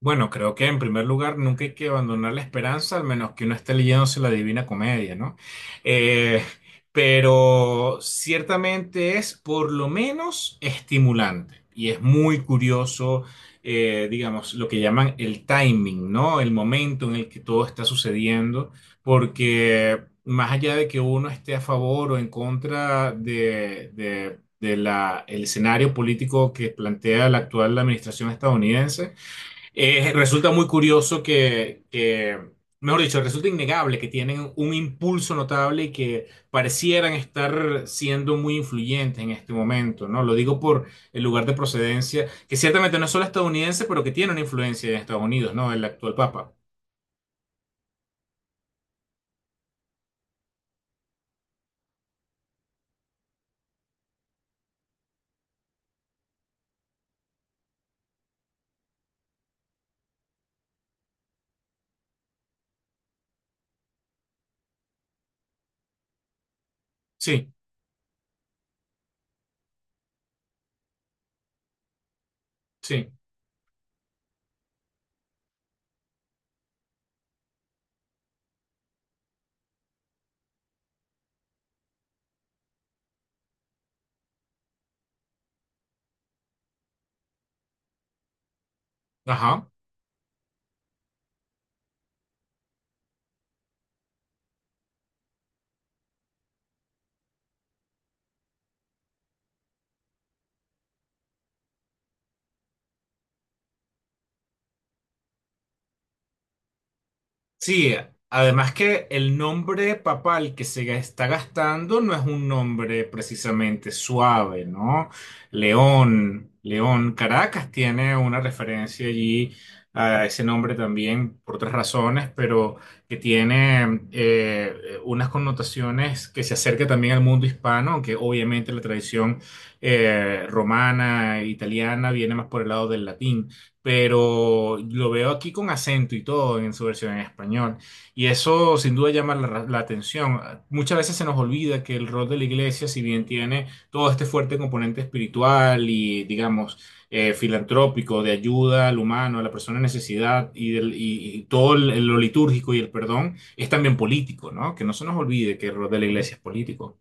Bueno, creo que en primer lugar nunca hay que abandonar la esperanza, al menos que uno esté leyéndose la Divina Comedia, ¿no? Eh, pero ciertamente es por lo menos estimulante y es muy curioso, digamos, lo que llaman el timing, ¿no? El momento en el que todo está sucediendo, porque más allá de que uno esté a favor o en contra de el escenario político que plantea la actual administración estadounidense, resulta muy curioso que, mejor dicho, resulta innegable que tienen un impulso notable y que parecieran estar siendo muy influyentes en este momento, ¿no? Lo digo por el lugar de procedencia, que ciertamente no es solo estadounidense, pero que tiene una influencia en Estados Unidos, ¿no? El actual papa. Sí, sí. Ajá. Sí, además que el nombre papal que se está gastando no es un nombre precisamente suave, ¿no? León, León, Caracas tiene una referencia allí a ese nombre también por otras razones, pero que tiene unas connotaciones que se acerca también al mundo hispano, aunque obviamente la tradición romana, italiana, viene más por el lado del latín, pero lo veo aquí con acento y todo en su versión en español. Y eso sin duda llama la atención. Muchas veces se nos olvida que el rol de la iglesia, si bien tiene todo este fuerte componente espiritual y, digamos, filantrópico, de ayuda al humano, a la persona en necesidad y lo litúrgico y el perdón, es también político, ¿no? Que no se nos olvide que el rol de la iglesia es político.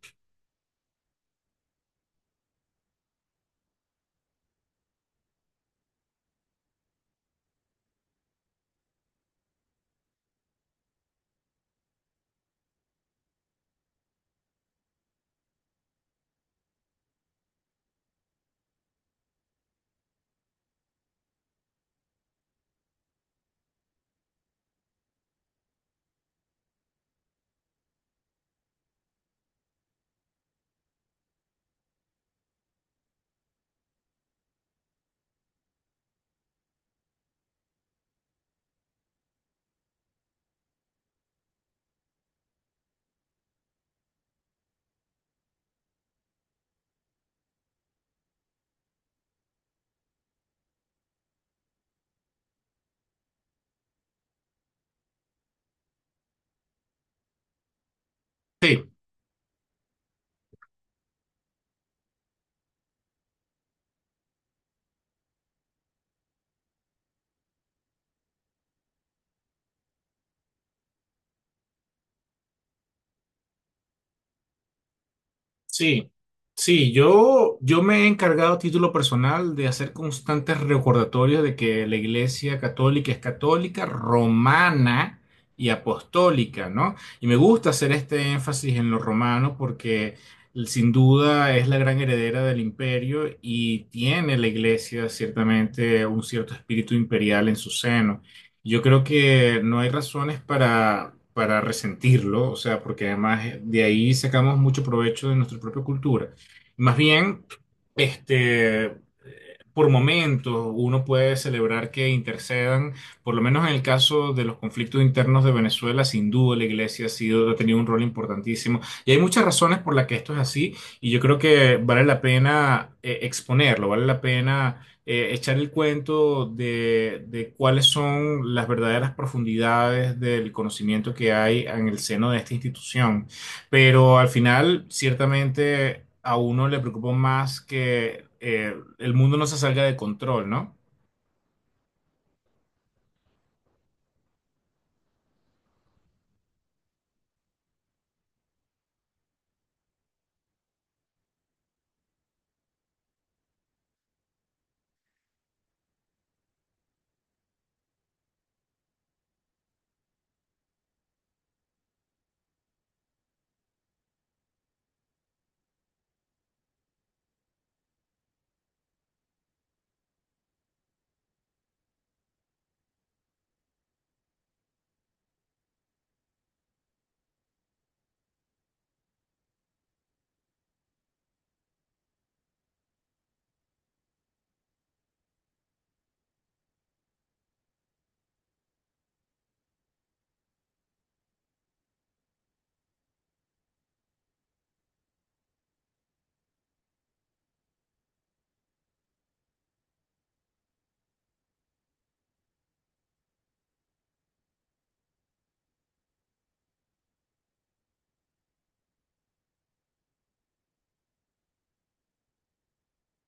Sí. Sí, sí, yo me he encargado a título personal de hacer constantes recordatorios de que la Iglesia Católica es católica, romana y apostólica, ¿no? Y me gusta hacer este énfasis en lo romano porque sin duda es la gran heredera del imperio y tiene la Iglesia ciertamente un cierto espíritu imperial en su seno. Yo creo que no hay razones para resentirlo, o sea, porque además de ahí sacamos mucho provecho de nuestra propia cultura. Más bien, este, por momentos uno puede celebrar que intercedan, por lo menos en el caso de los conflictos internos de Venezuela, sin duda la iglesia ha sido, ha tenido un rol importantísimo. Y hay muchas razones por las que esto es así, y yo creo que vale la pena exponerlo, vale la pena echar el cuento de cuáles son las verdaderas profundidades del conocimiento que hay en el seno de esta institución. Pero al final, ciertamente, a uno le preocupa más que el mundo no se salga de control, ¿no?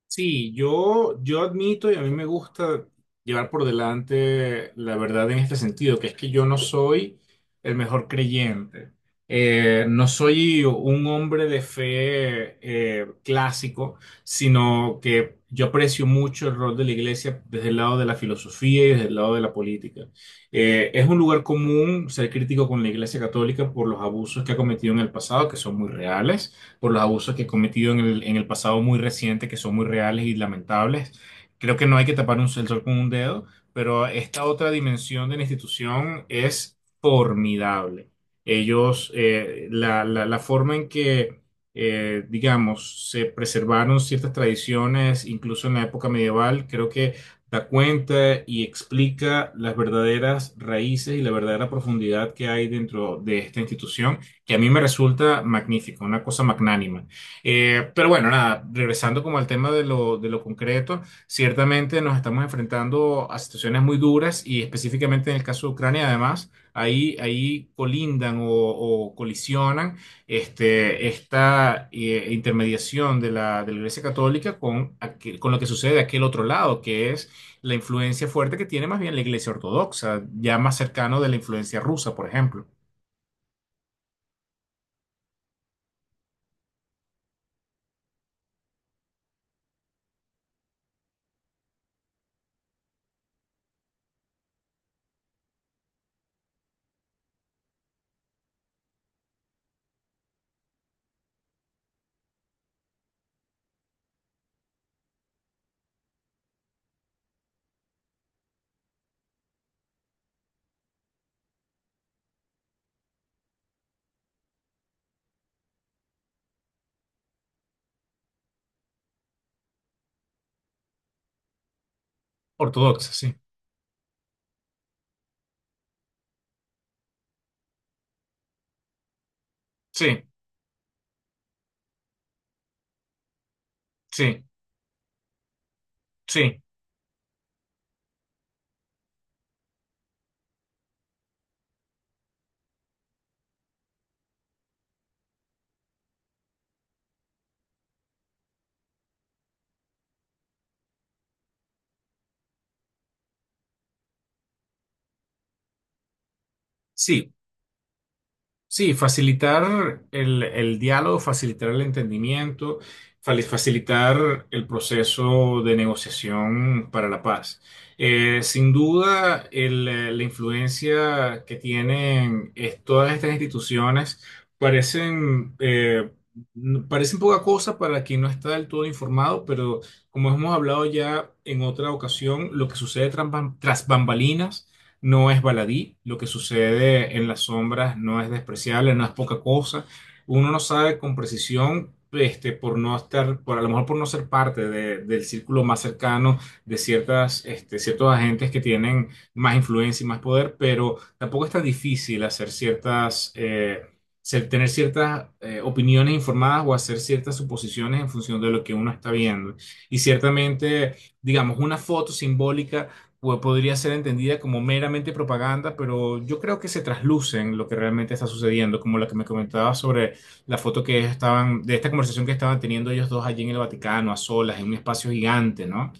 Sí, yo admito y a mí me gusta llevar por delante la verdad en este sentido, que es que yo no soy el mejor creyente. No soy un hombre de fe clásico, sino que yo aprecio mucho el rol de la iglesia desde el lado de la filosofía y desde el lado de la política. Es un lugar común ser crítico con la iglesia católica por los abusos que ha cometido en el pasado, que son muy reales, por los abusos que he cometido en el pasado muy reciente, que son muy reales y lamentables. Creo que no hay que tapar el sol con un dedo, pero esta otra dimensión de la institución es formidable. Ellos, la forma en digamos, se preservaron ciertas tradiciones, incluso en la época medieval, creo que da cuenta y explica las verdaderas raíces y la verdadera profundidad que hay dentro de esta institución, que a mí me resulta magnífico, una cosa magnánima. Pero bueno, nada, regresando como al tema de de lo concreto, ciertamente nos estamos enfrentando a situaciones muy duras y específicamente en el caso de Ucrania, además, ahí colindan o colisionan este, esta intermediación de de la Iglesia Católica con, con lo que sucede de aquel otro lado, que es la influencia fuerte que tiene más bien la Iglesia Ortodoxa, ya más cercano de la influencia rusa, por ejemplo. Ortodoxa, sí. Sí. Sí, sí, sí, sí, facilitar el diálogo, facilitar el entendimiento, facilitar el proceso de negociación para la paz. Eh, sin duda, la influencia que tienen todas estas instituciones parecen, parecen poca cosa para quien no está del todo informado, pero como hemos hablado ya en otra ocasión, lo que sucede tras bambalinas no es baladí, lo que sucede en las sombras no es despreciable, no es poca cosa. Uno no sabe con precisión, este, por no estar, por a lo mejor por no ser parte del círculo más cercano de ciertas, este, ciertos agentes que tienen más influencia y más poder, pero tampoco es tan difícil hacer ciertas, tener ciertas opiniones informadas o hacer ciertas suposiciones en función de lo que uno está viendo. Y ciertamente, digamos, una foto simbólica o podría ser entendida como meramente propaganda, pero yo creo que se trasluce lo que realmente está sucediendo, como la que me comentaba sobre la foto que estaban, de esta conversación que estaban teniendo ellos dos allí en el Vaticano, a solas, en un espacio gigante, ¿no?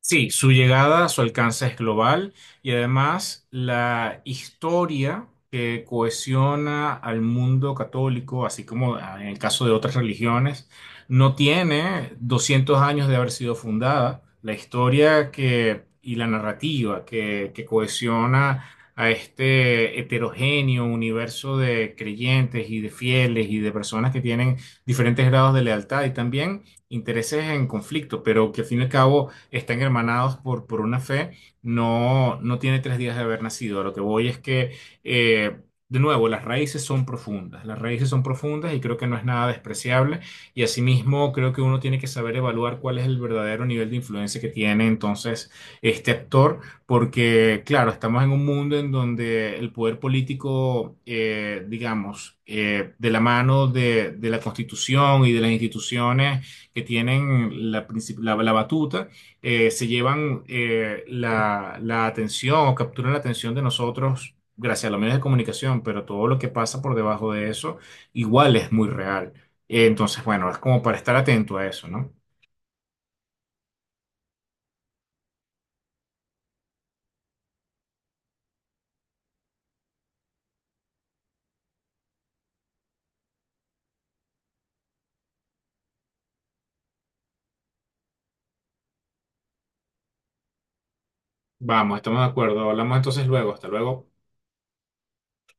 Sí, su llegada, su alcance es global, y además la historia que cohesiona al mundo católico, así como ah, en el caso de otras religiones, no tiene 200 años de haber sido fundada. La historia y la narrativa que cohesiona a este heterogéneo universo de creyentes y de fieles y de personas que tienen diferentes grados de lealtad y también intereses en conflicto, pero que al fin y al cabo están hermanados por una fe, no tiene 3 días de haber nacido. A lo que voy es que, eh, de nuevo, las raíces son profundas, las raíces son profundas y creo que no es nada despreciable. Y asimismo, creo que uno tiene que saber evaluar cuál es el verdadero nivel de influencia que tiene entonces este actor, porque, claro, estamos en un mundo en donde el poder político, digamos, de la mano de la Constitución y de las instituciones que tienen la batuta, se llevan la atención o capturan la atención de nosotros gracias a los medios de comunicación, pero todo lo que pasa por debajo de eso igual es muy real. Entonces, bueno, es como para estar atento a eso, ¿no? Vamos, estamos de acuerdo. Hablamos entonces luego. Hasta luego.